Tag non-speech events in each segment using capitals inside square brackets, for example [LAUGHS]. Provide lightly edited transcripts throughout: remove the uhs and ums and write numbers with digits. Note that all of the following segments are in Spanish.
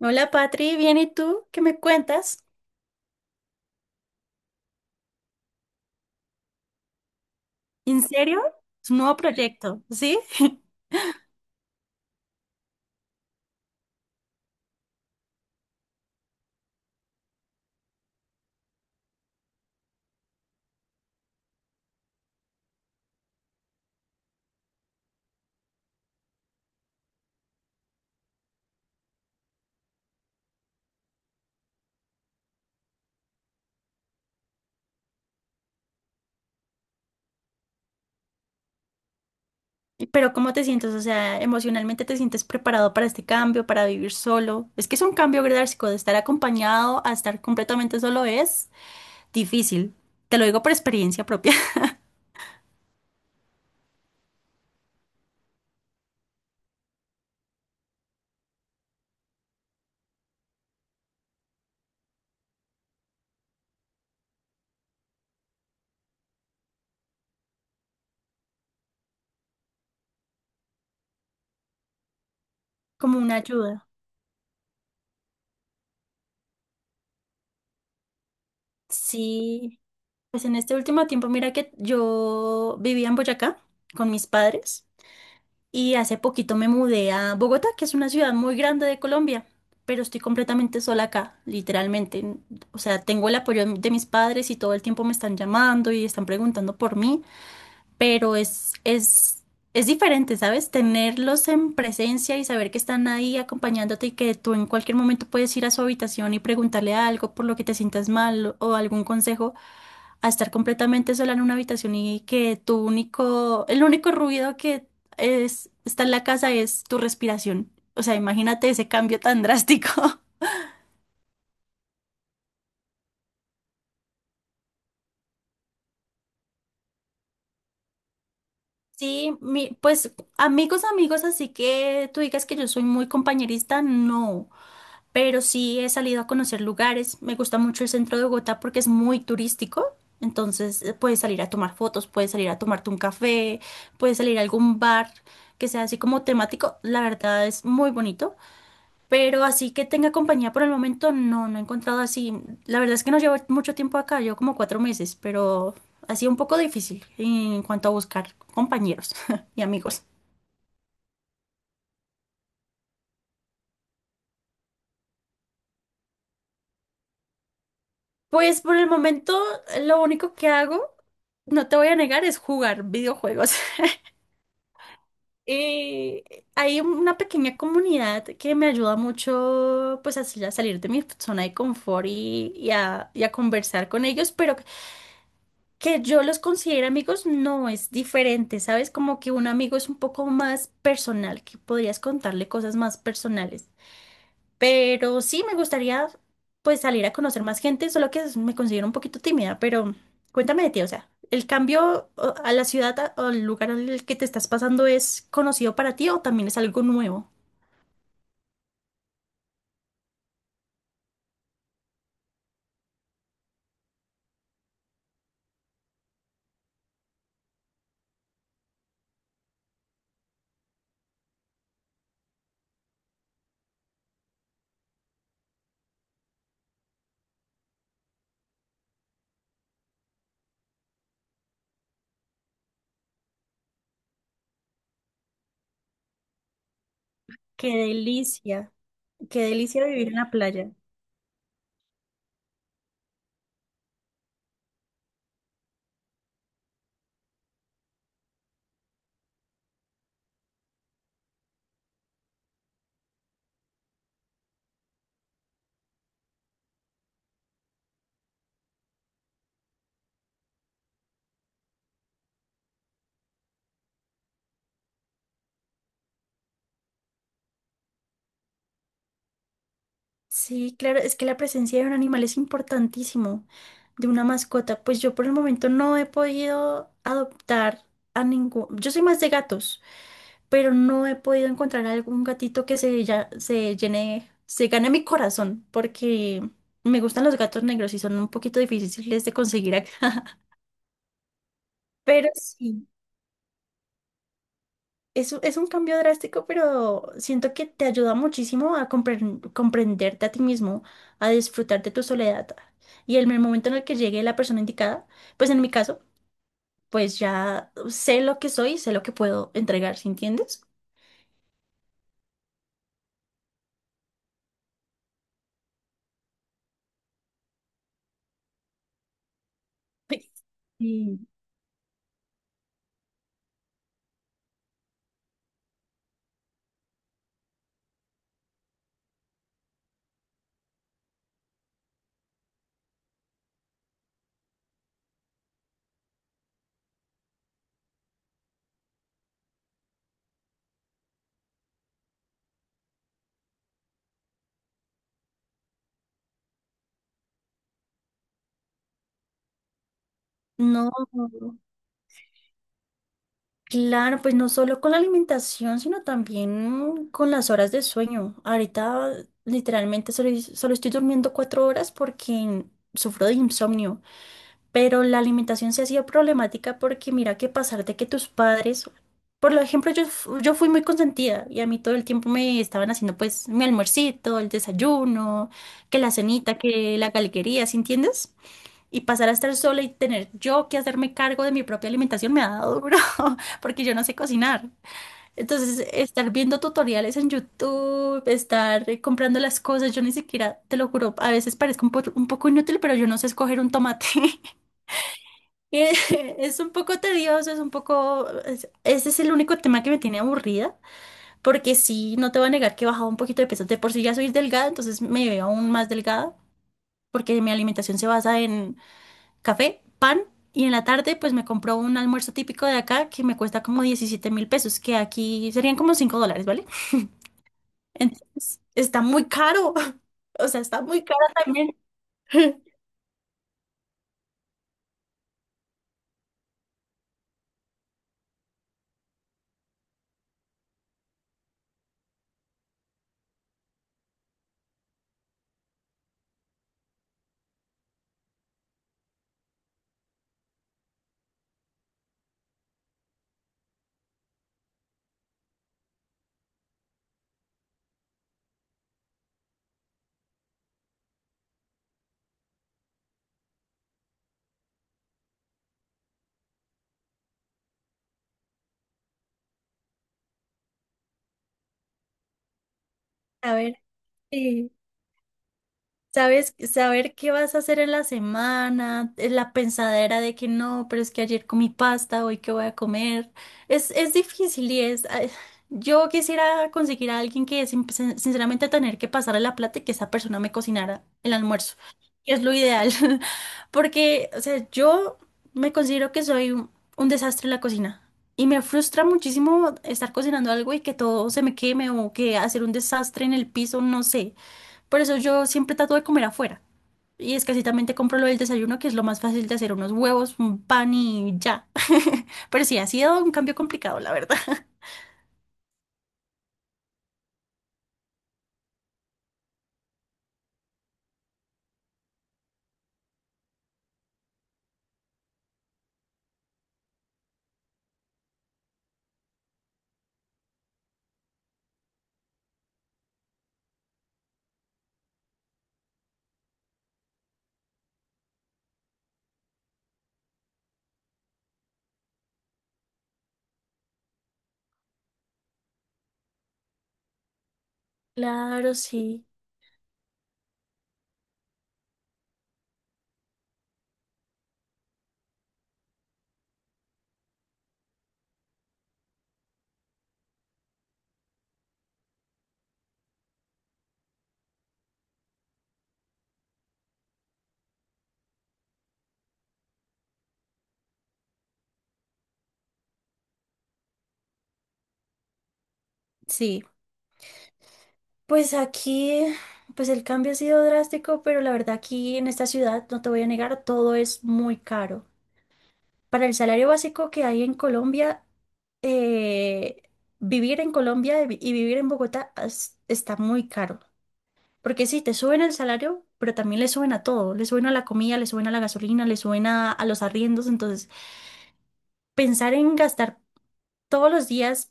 Hola Patri, bien, ¿y tú? ¿Qué me cuentas? ¿En serio? Es un nuevo proyecto, ¿sí? [LAUGHS] Pero ¿cómo te sientes? O sea, emocionalmente te sientes preparado para este cambio, para vivir solo. Es que es un cambio drástico, de estar acompañado a estar completamente solo es difícil. Te lo digo por experiencia propia, [LAUGHS] como una ayuda. Sí, pues en este último tiempo, mira que yo vivía en Boyacá con mis padres. Y hace poquito me mudé a Bogotá, que es una ciudad muy grande de Colombia, pero estoy completamente sola acá, literalmente. O sea, tengo el apoyo de mis padres y todo el tiempo me están llamando y están preguntando por mí, pero es diferente, ¿sabes? Tenerlos en presencia y saber que están ahí acompañándote y que tú en cualquier momento puedes ir a su habitación y preguntarle algo por lo que te sientas mal o algún consejo, a estar completamente sola en una habitación y que tu único, el único ruido que es, está en la casa es tu respiración. O sea, imagínate ese cambio tan drástico. [LAUGHS] Sí, pues amigos, amigos, así que tú digas que yo soy muy compañerista, no. Pero sí he salido a conocer lugares. Me gusta mucho el centro de Bogotá porque es muy turístico. Entonces puedes salir a tomar fotos, puedes salir a tomarte un café, puedes salir a algún bar que sea así como temático. La verdad es muy bonito. Pero así que tenga compañía por el momento, no, no he encontrado así. La verdad es que no llevo mucho tiempo acá, llevo como 4 meses, pero ha sido un poco difícil en cuanto a buscar compañeros [LAUGHS] y amigos. Pues por el momento lo único que hago, no te voy a negar, es jugar videojuegos. [LAUGHS] Hay una pequeña comunidad que me ayuda mucho pues así a salir de mi zona de confort y a conversar con ellos, pero que yo los considere amigos no es diferente, ¿sabes? Como que un amigo es un poco más personal, que podrías contarle cosas más personales. Pero sí me gustaría pues salir a conocer más gente, solo que me considero un poquito tímida, pero cuéntame de ti, o sea, ¿el cambio a la ciudad o al lugar al que te estás pasando es conocido para ti o también es algo nuevo? Qué delicia, qué delicia vivir en la playa. Sí, claro, es que la presencia de un animal es importantísimo, de una mascota. Pues yo por el momento no he podido adoptar a ningún. Yo soy más de gatos, pero no he podido encontrar algún gatito que se llene, se gane mi corazón, porque me gustan los gatos negros y son un poquito difíciles de conseguir acá. [LAUGHS] Pero sí, es un cambio drástico, pero siento que te ayuda muchísimo a comprenderte a ti mismo, a disfrutar de tu soledad. Y en el momento en el que llegue la persona indicada, pues en mi caso, pues ya sé lo que soy, sé lo que puedo entregar, ¿sí entiendes? [LAUGHS] Sí. No. Claro, pues no solo con la alimentación, sino también con las horas de sueño. Ahorita literalmente solo estoy durmiendo 4 horas porque sufro de insomnio, pero la alimentación se ha sido problemática porque mira que pasar de que tus padres, por ejemplo, yo fui muy consentida y a mí todo el tiempo me estaban haciendo pues mi almuercito, el desayuno, que la cenita, que la galguería, ¿sí entiendes? Y pasar a estar sola y tener yo que hacerme cargo de mi propia alimentación me ha dado duro, [LAUGHS] porque yo no sé cocinar. Entonces, estar viendo tutoriales en YouTube, estar comprando las cosas, yo ni siquiera, te lo juro, a veces parezco un poco inútil, pero yo no sé escoger un tomate. [LAUGHS] Y es un poco tedioso, es un poco... Ese es el único tema que me tiene aburrida, porque sí, no te voy a negar que he bajado un poquito de peso. De por sí ya soy delgada, entonces me veo aún más delgada, porque mi alimentación se basa en café, pan y en la tarde pues me compró un almuerzo típico de acá que me cuesta como 17.000 pesos, que aquí serían como $5, ¿vale? Entonces, está muy caro, [LAUGHS] o sea, está muy caro también. A ver. Sí. Sabes, saber qué vas a hacer en la semana, la pensadera de que no, pero es que ayer comí pasta, hoy qué voy a comer. Es difícil y es. Ay, yo quisiera conseguir a alguien que sinceramente tener que pasarle la plata y que esa persona me cocinara el almuerzo. Que es lo ideal. [LAUGHS] Porque, o sea, yo me considero que soy un desastre en la cocina. Y me frustra muchísimo estar cocinando algo y que todo se me queme o que hacer un desastre en el piso, no sé. Por eso yo siempre trato de comer afuera. Y escasitamente compro lo del desayuno, que es lo más fácil de hacer, unos huevos, un pan y ya. [LAUGHS] Pero sí, ha sido un cambio complicado, la verdad. [LAUGHS] Claro, sí. Sí. Pues aquí, pues el cambio ha sido drástico, pero la verdad aquí en esta ciudad, no te voy a negar, todo es muy caro. Para el salario básico que hay en Colombia, eh, vivir en Colombia y vivir en Bogotá está muy caro. Porque sí, te suben el salario, pero también le suben a todo. Le suben a la comida, le suben a la gasolina, le suben a los arriendos. Entonces, pensar en gastar todos los días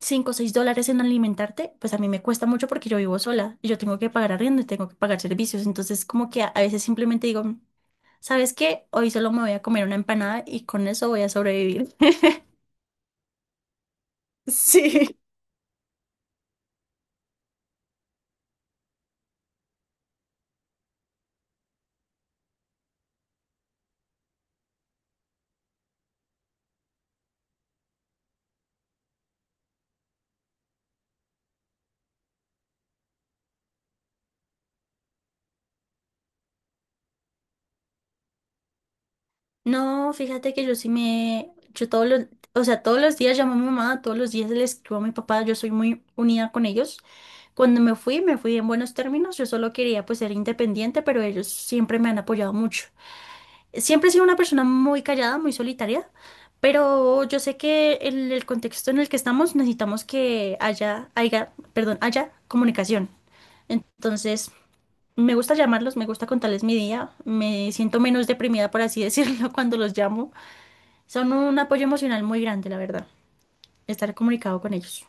cinco o 6 dólares en alimentarte, pues a mí me cuesta mucho porque yo vivo sola y yo tengo que pagar arriendo y tengo que pagar servicios. Entonces, como que a veces simplemente digo, "Mm, ¿sabes qué? Hoy solo me voy a comer una empanada y con eso voy a sobrevivir". [LAUGHS] Sí. No, fíjate que yo sí me, yo todos los, o sea, todos los días llamo a mi mamá, todos los días le escribo a mi papá, yo soy muy unida con ellos. Cuando me fui en buenos términos. Yo solo quería pues ser independiente, pero ellos siempre me han apoyado mucho. Siempre he sido una persona muy callada, muy solitaria, pero yo sé que en el contexto en el que estamos necesitamos que haya comunicación. Entonces, me gusta llamarlos, me gusta contarles mi día. Me siento menos deprimida, por así decirlo, [LAUGHS] cuando los llamo. Son un apoyo emocional muy grande, la verdad, estar comunicado con ellos.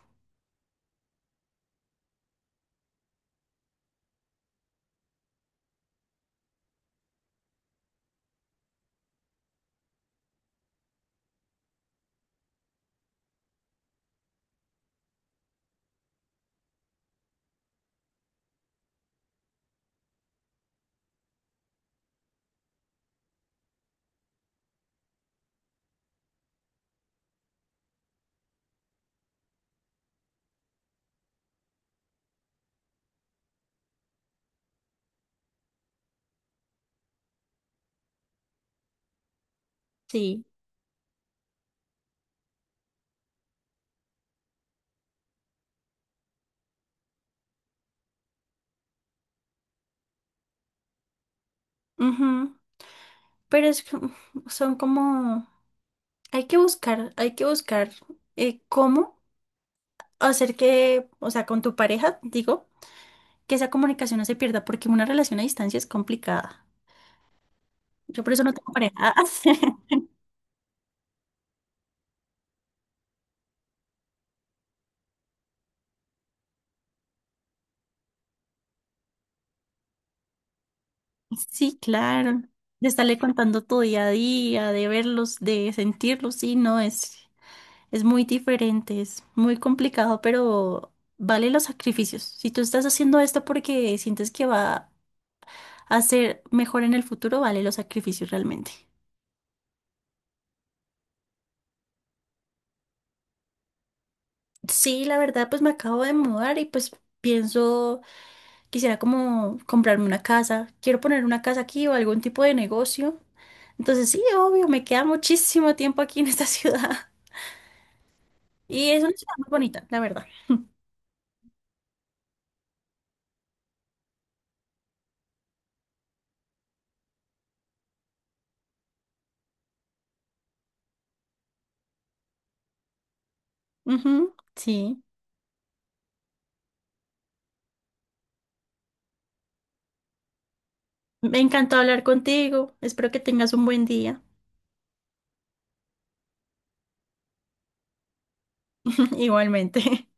Sí. Ujú. Pero es, que, son como. Hay que buscar cómo hacer que, o sea, con tu pareja, digo, que esa comunicación no se pierda, porque una relación a distancia es complicada. Yo por eso no tengo pareja. [LAUGHS] Sí, claro. De estarle contando tu día a día, de verlos, de sentirlos, sí, no, es muy diferente, es muy complicado, pero vale los sacrificios. Si tú estás haciendo esto porque sientes que va a ser mejor en el futuro, vale los sacrificios realmente. Sí, la verdad, pues me acabo de mudar y pues pienso, quisiera como comprarme una casa. Quiero poner una casa aquí o algún tipo de negocio. Entonces sí, obvio, me queda muchísimo tiempo aquí en esta [LAUGHS] ciudad. Y es una ciudad muy bonita, la verdad. Ujú, sí. Me encantó hablar contigo. Espero que tengas un buen día. [LAUGHS] Igualmente.